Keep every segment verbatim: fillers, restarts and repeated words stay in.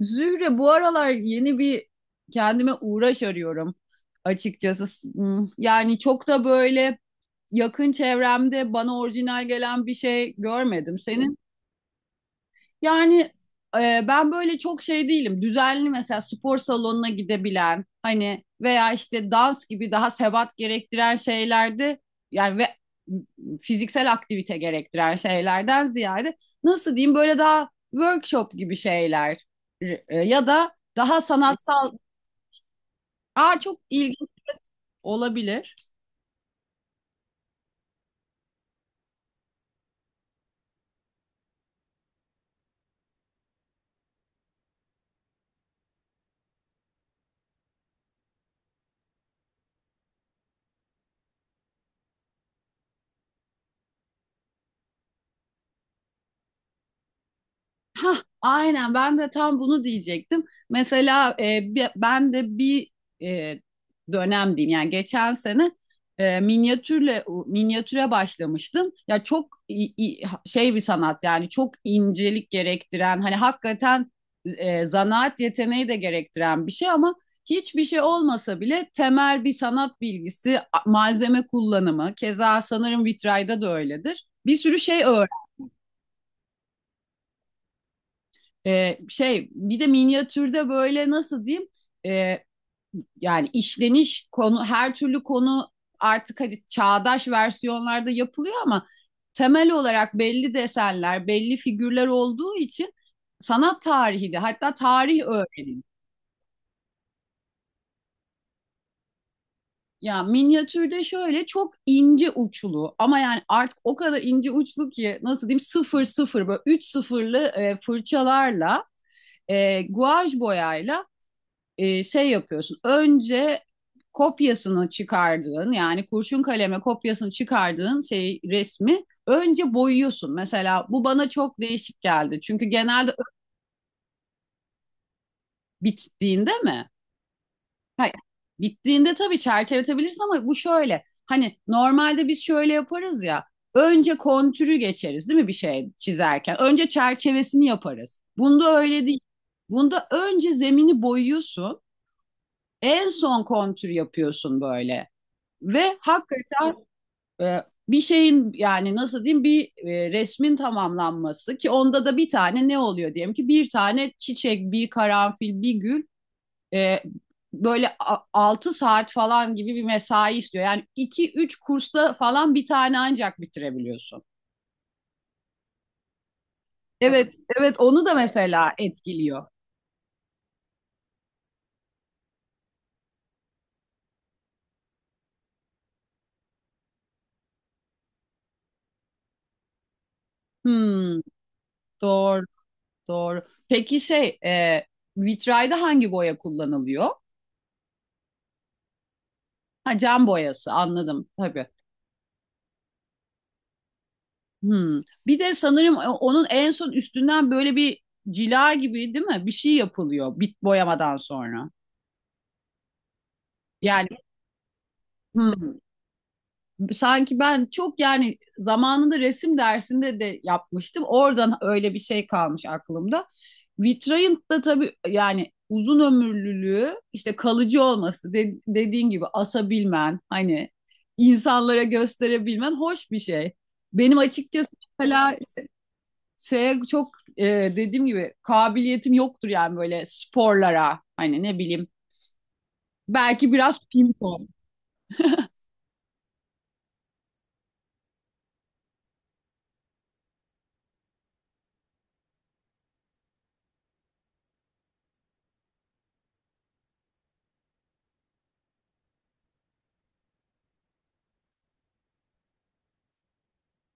Zühre bu aralar yeni bir kendime uğraş arıyorum açıkçası. S- hmm, Yani çok da böyle yakın çevremde bana orijinal gelen bir şey görmedim. Senin yani e, ben böyle çok şey değilim. Düzenli mesela spor salonuna gidebilen hani veya işte dans gibi daha sebat gerektiren şeylerde yani ve fiziksel aktivite gerektiren şeylerden ziyade nasıl diyeyim böyle daha workshop gibi şeyler e, ya da daha sanatsal. Aa çok ilginç olabilir. Hah, aynen ben de tam bunu diyecektim. Mesela e, bi- ben de bir e, dönem diyeyim yani geçen sene e, minyatürle minyatüre başlamıştım. Ya çok i- i- şey bir sanat yani çok incelik gerektiren hani hakikaten e, zanaat yeteneği de gerektiren bir şey ama hiçbir şey olmasa bile temel bir sanat bilgisi, a- malzeme kullanımı, keza sanırım vitrayda da öyledir. Bir sürü şey öğrendim. Ee, şey bir de minyatürde böyle nasıl diyeyim. Ee, Yani işleniş konu her türlü konu artık hadi çağdaş versiyonlarda yapılıyor ama temel olarak belli desenler belli figürler olduğu için sanat tarihi de hatta tarih öğrenin. Ya minyatürde şöyle çok ince uçlu, ama yani artık o kadar ince uçlu ki nasıl diyeyim sıfır sıfır böyle üç sıfırlı e, fırçalarla e, guaj boyayla e, şey yapıyorsun. Önce kopyasını çıkardığın yani kurşun kaleme kopyasını çıkardığın şey resmi önce boyuyorsun. Mesela bu bana çok değişik geldi. Çünkü genelde bittiğinde mi? Hayır. Bittiğinde tabii çerçeveletebilirsin ama bu şöyle. Hani normalde biz şöyle yaparız ya. Önce kontürü geçeriz değil mi bir şey çizerken? Önce çerçevesini yaparız. Bunda öyle değil. Bunda önce zemini boyuyorsun. En son kontür yapıyorsun böyle. Ve hakikaten e, bir şeyin yani nasıl diyeyim bir e, resmin tamamlanması, ki onda da bir tane ne oluyor diyelim ki, bir tane çiçek, bir karanfil, bir gül e, böyle altı saat falan gibi bir mesai istiyor. Yani iki üç kursta falan bir tane ancak bitirebiliyorsun. Evet, evet, onu da mesela etkiliyor. Hmm, doğru, doğru. Peki şey, e, vitrayda hangi boya kullanılıyor? Ha, cam boyası, anladım tabii. Hımm. Bir de sanırım onun en son üstünden böyle bir cila gibi değil mi? Bir şey yapılıyor bit boyamadan sonra. Yani hımm. Sanki ben çok yani zamanında resim dersinde de yapmıştım. Oradan öyle bir şey kalmış aklımda. Vitrayın da tabii yani uzun ömürlülüğü, işte kalıcı olması, de dediğin gibi asabilmen, hani insanlara gösterebilmen hoş bir şey. Benim açıkçası mesela şeye çok e, dediğim gibi kabiliyetim yoktur yani böyle sporlara, hani ne bileyim, belki biraz ping pong.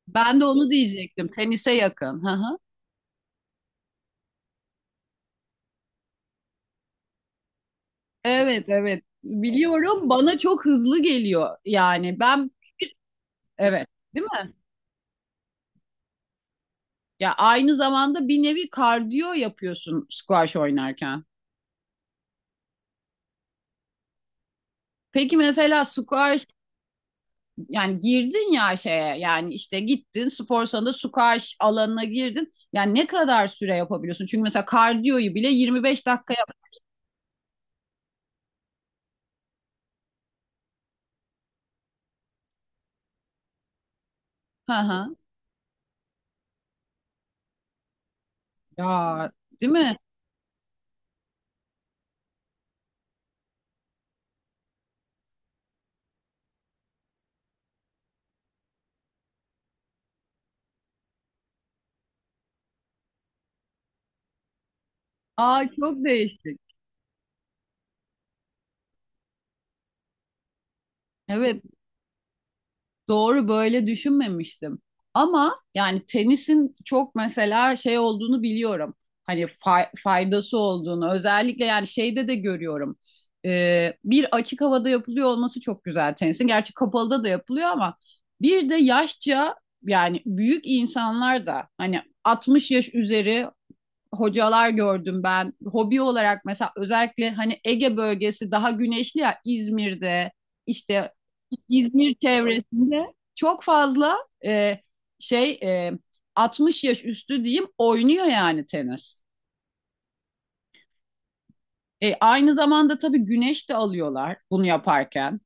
Ben de onu diyecektim. Tenise yakın. Hı hı. Evet, evet. Biliyorum, bana çok hızlı geliyor. Yani ben evet, değil mi? Ya aynı zamanda bir nevi kardiyo yapıyorsun squash oynarken. Peki mesela squash, yani girdin ya şeye, yani işte gittin spor salonunda squash alanına girdin. Yani ne kadar süre yapabiliyorsun? Çünkü mesela kardiyoyu bile yirmi beş dakika yap. Hı hı. Ya değil mi? Aa çok değişik. Evet, doğru, böyle düşünmemiştim. Ama yani tenisin çok mesela şey olduğunu biliyorum. Hani fay- faydası olduğunu özellikle yani şeyde de görüyorum. Ee, bir açık havada yapılıyor olması çok güzel tenisin. Gerçi kapalıda da yapılıyor ama bir de yaşça yani büyük insanlar da, hani altmış yaş üzeri hocalar gördüm ben. Hobi olarak mesela özellikle hani Ege bölgesi daha güneşli ya, İzmir'de işte İzmir çevresinde çok fazla e, şey e, altmış yaş üstü diyeyim oynuyor yani tenis. E, aynı zamanda tabii güneş de alıyorlar bunu yaparken.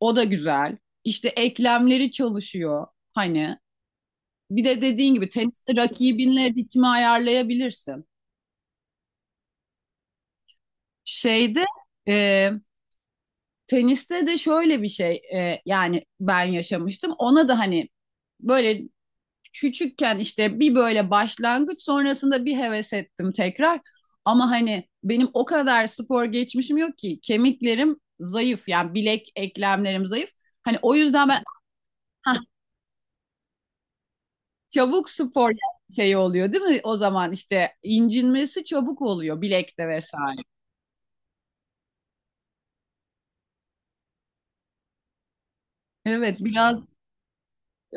O da güzel. İşte eklemleri çalışıyor hani. Bir de dediğin gibi teniste rakibinle ritmi ayarlayabilirsin. Şeyde e, teniste de şöyle bir şey e, yani ben yaşamıştım. Ona da hani böyle küçükken işte bir böyle başlangıç sonrasında bir heves ettim tekrar. Ama hani benim o kadar spor geçmişim yok ki, kemiklerim zayıf yani, bilek eklemlerim zayıf. Hani o yüzden ben. Hah, çabuk spor şey oluyor değil mi? O zaman işte incinmesi çabuk oluyor bilekte vesaire. Evet, biraz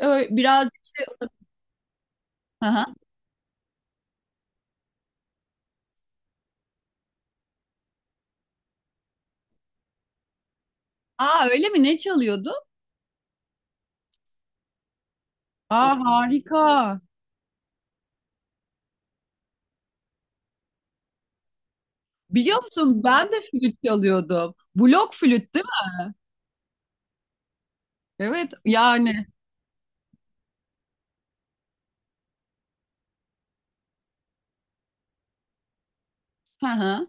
ö- biraz şey- Aha. Aa öyle mi? Ne çalıyordu? Aa harika. Biliyor musun ben de flüt çalıyordum. Blok flüt değil mi? Evet yani. Hı hı.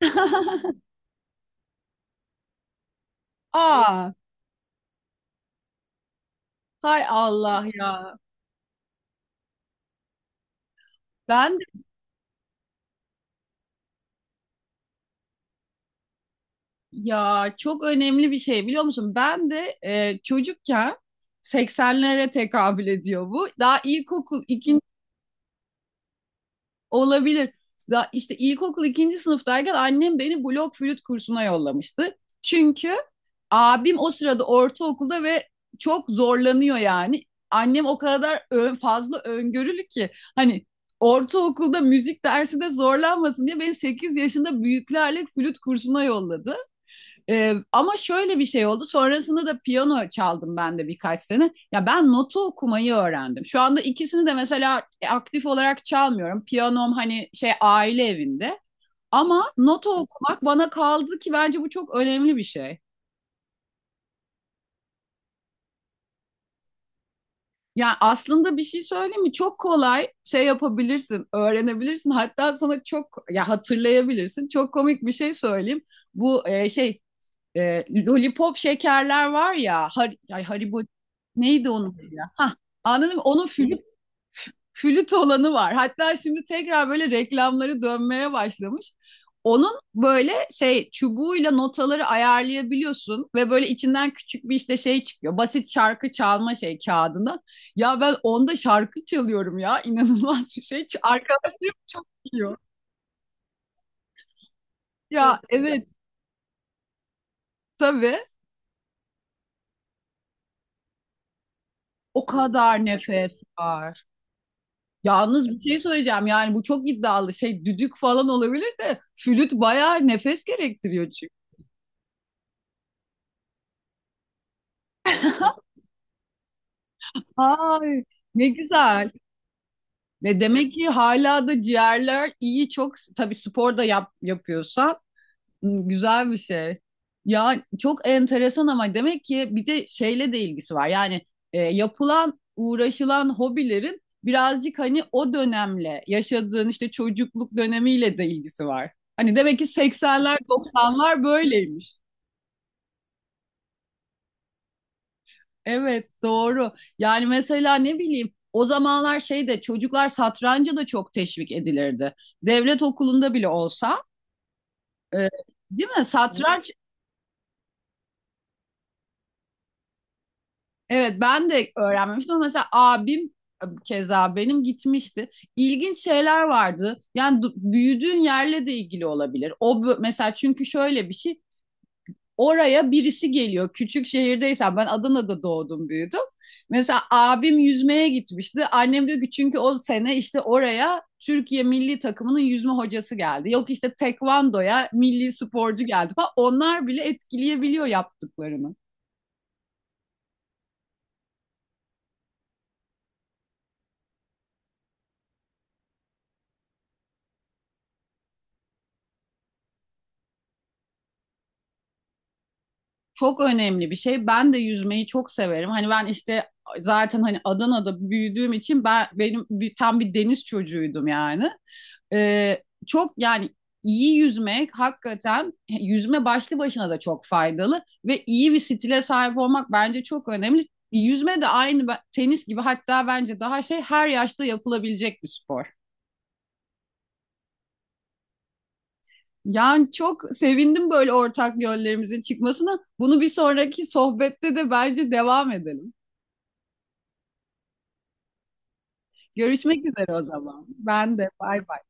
Aa, hay Allah ya. Ben de ya, çok önemli bir şey biliyor musun? Ben de e, çocukken, seksenlere tekabül ediyor bu. Daha ilkokul. Olabilir. Da işte ilkokul ikinci sınıftayken annem beni blok flüt kursuna yollamıştı. Çünkü abim o sırada ortaokulda ve çok zorlanıyor yani. Annem o kadar ö- fazla öngörülü ki hani ortaokulda müzik dersi de zorlanmasın diye beni sekiz yaşında büyüklerle flüt kursuna yolladı. Ee, ama şöyle bir şey oldu. Sonrasında da piyano çaldım ben de birkaç sene. Ya, ben notu okumayı öğrendim. Şu anda ikisini de mesela e, aktif olarak çalmıyorum. Piyanom hani şey, aile evinde. Ama notu okumak bana kaldı, ki bence bu çok önemli bir şey. Yani aslında bir şey söyleyeyim mi? Çok kolay şey yapabilirsin, öğrenebilirsin. Hatta sana çok ya hatırlayabilirsin. Çok komik bir şey söyleyeyim. Bu e, şey e, lollipop şekerler var ya, har, ay Haribo, neydi onun adı ya? Hah, anladın mı? Onun flüt, flüt olanı var. Hatta şimdi tekrar böyle reklamları dönmeye başlamış. Onun böyle şey çubuğuyla notaları ayarlayabiliyorsun ve böyle içinden küçük bir işte şey çıkıyor. Basit şarkı çalma şey kağıdından. Ya ben onda şarkı çalıyorum ya. İnanılmaz bir şey. Ç- Arkadaşlarım çok biliyor. Ya evet, tabii, o kadar nefes var. Yalnız bir şey söyleyeceğim, yani bu çok iddialı, şey düdük falan olabilir de flüt bayağı nefes gerektiriyor çünkü. Ay ne güzel. E demek ki hala da ciğerler iyi, çok tabii spor da yap, yapıyorsan, m, güzel bir şey. Ya çok enteresan ama demek ki bir de şeyle de ilgisi var. Yani e, yapılan uğraşılan hobilerin birazcık hani o dönemle, yaşadığın işte çocukluk dönemiyle de ilgisi var. Hani demek ki seksenler doksanlar böyleymiş. Evet, doğru. Yani mesela ne bileyim o zamanlar şey de çocuklar satranca da çok teşvik edilirdi. Devlet okulunda bile olsa e, değil mi? Satranç, evet ben de öğrenmemiştim ama mesela abim e, keza benim gitmişti. İlginç şeyler vardı. Yani du- büyüdüğün yerle de ilgili olabilir. O bö- mesela çünkü şöyle bir şey, oraya birisi geliyor. Küçük şehirdeysem, ben Adana'da doğdum büyüdüm. Mesela abim yüzmeye gitmişti. Annem diyor ki çünkü o sene işte oraya Türkiye milli takımının yüzme hocası geldi. Yok işte tekvandoya milli sporcu geldi falan. Onlar bile etkileyebiliyor yaptıklarını. Çok önemli bir şey. Ben de yüzmeyi çok severim. Hani ben işte zaten hani Adana'da büyüdüğüm için ben benim bir, tam bir deniz çocuğuydum yani. Ee, Çok yani iyi yüzmek hakikaten yüzme başlı başına da çok faydalı ve iyi bir stile sahip olmak bence çok önemli. Yüzme de aynı tenis gibi, hatta bence daha şey, her yaşta yapılabilecek bir spor. Yani çok sevindim böyle ortak yönlerimizin çıkmasına. Bunu bir sonraki sohbette de bence devam edelim. Görüşmek üzere o zaman. Ben de, bay bay.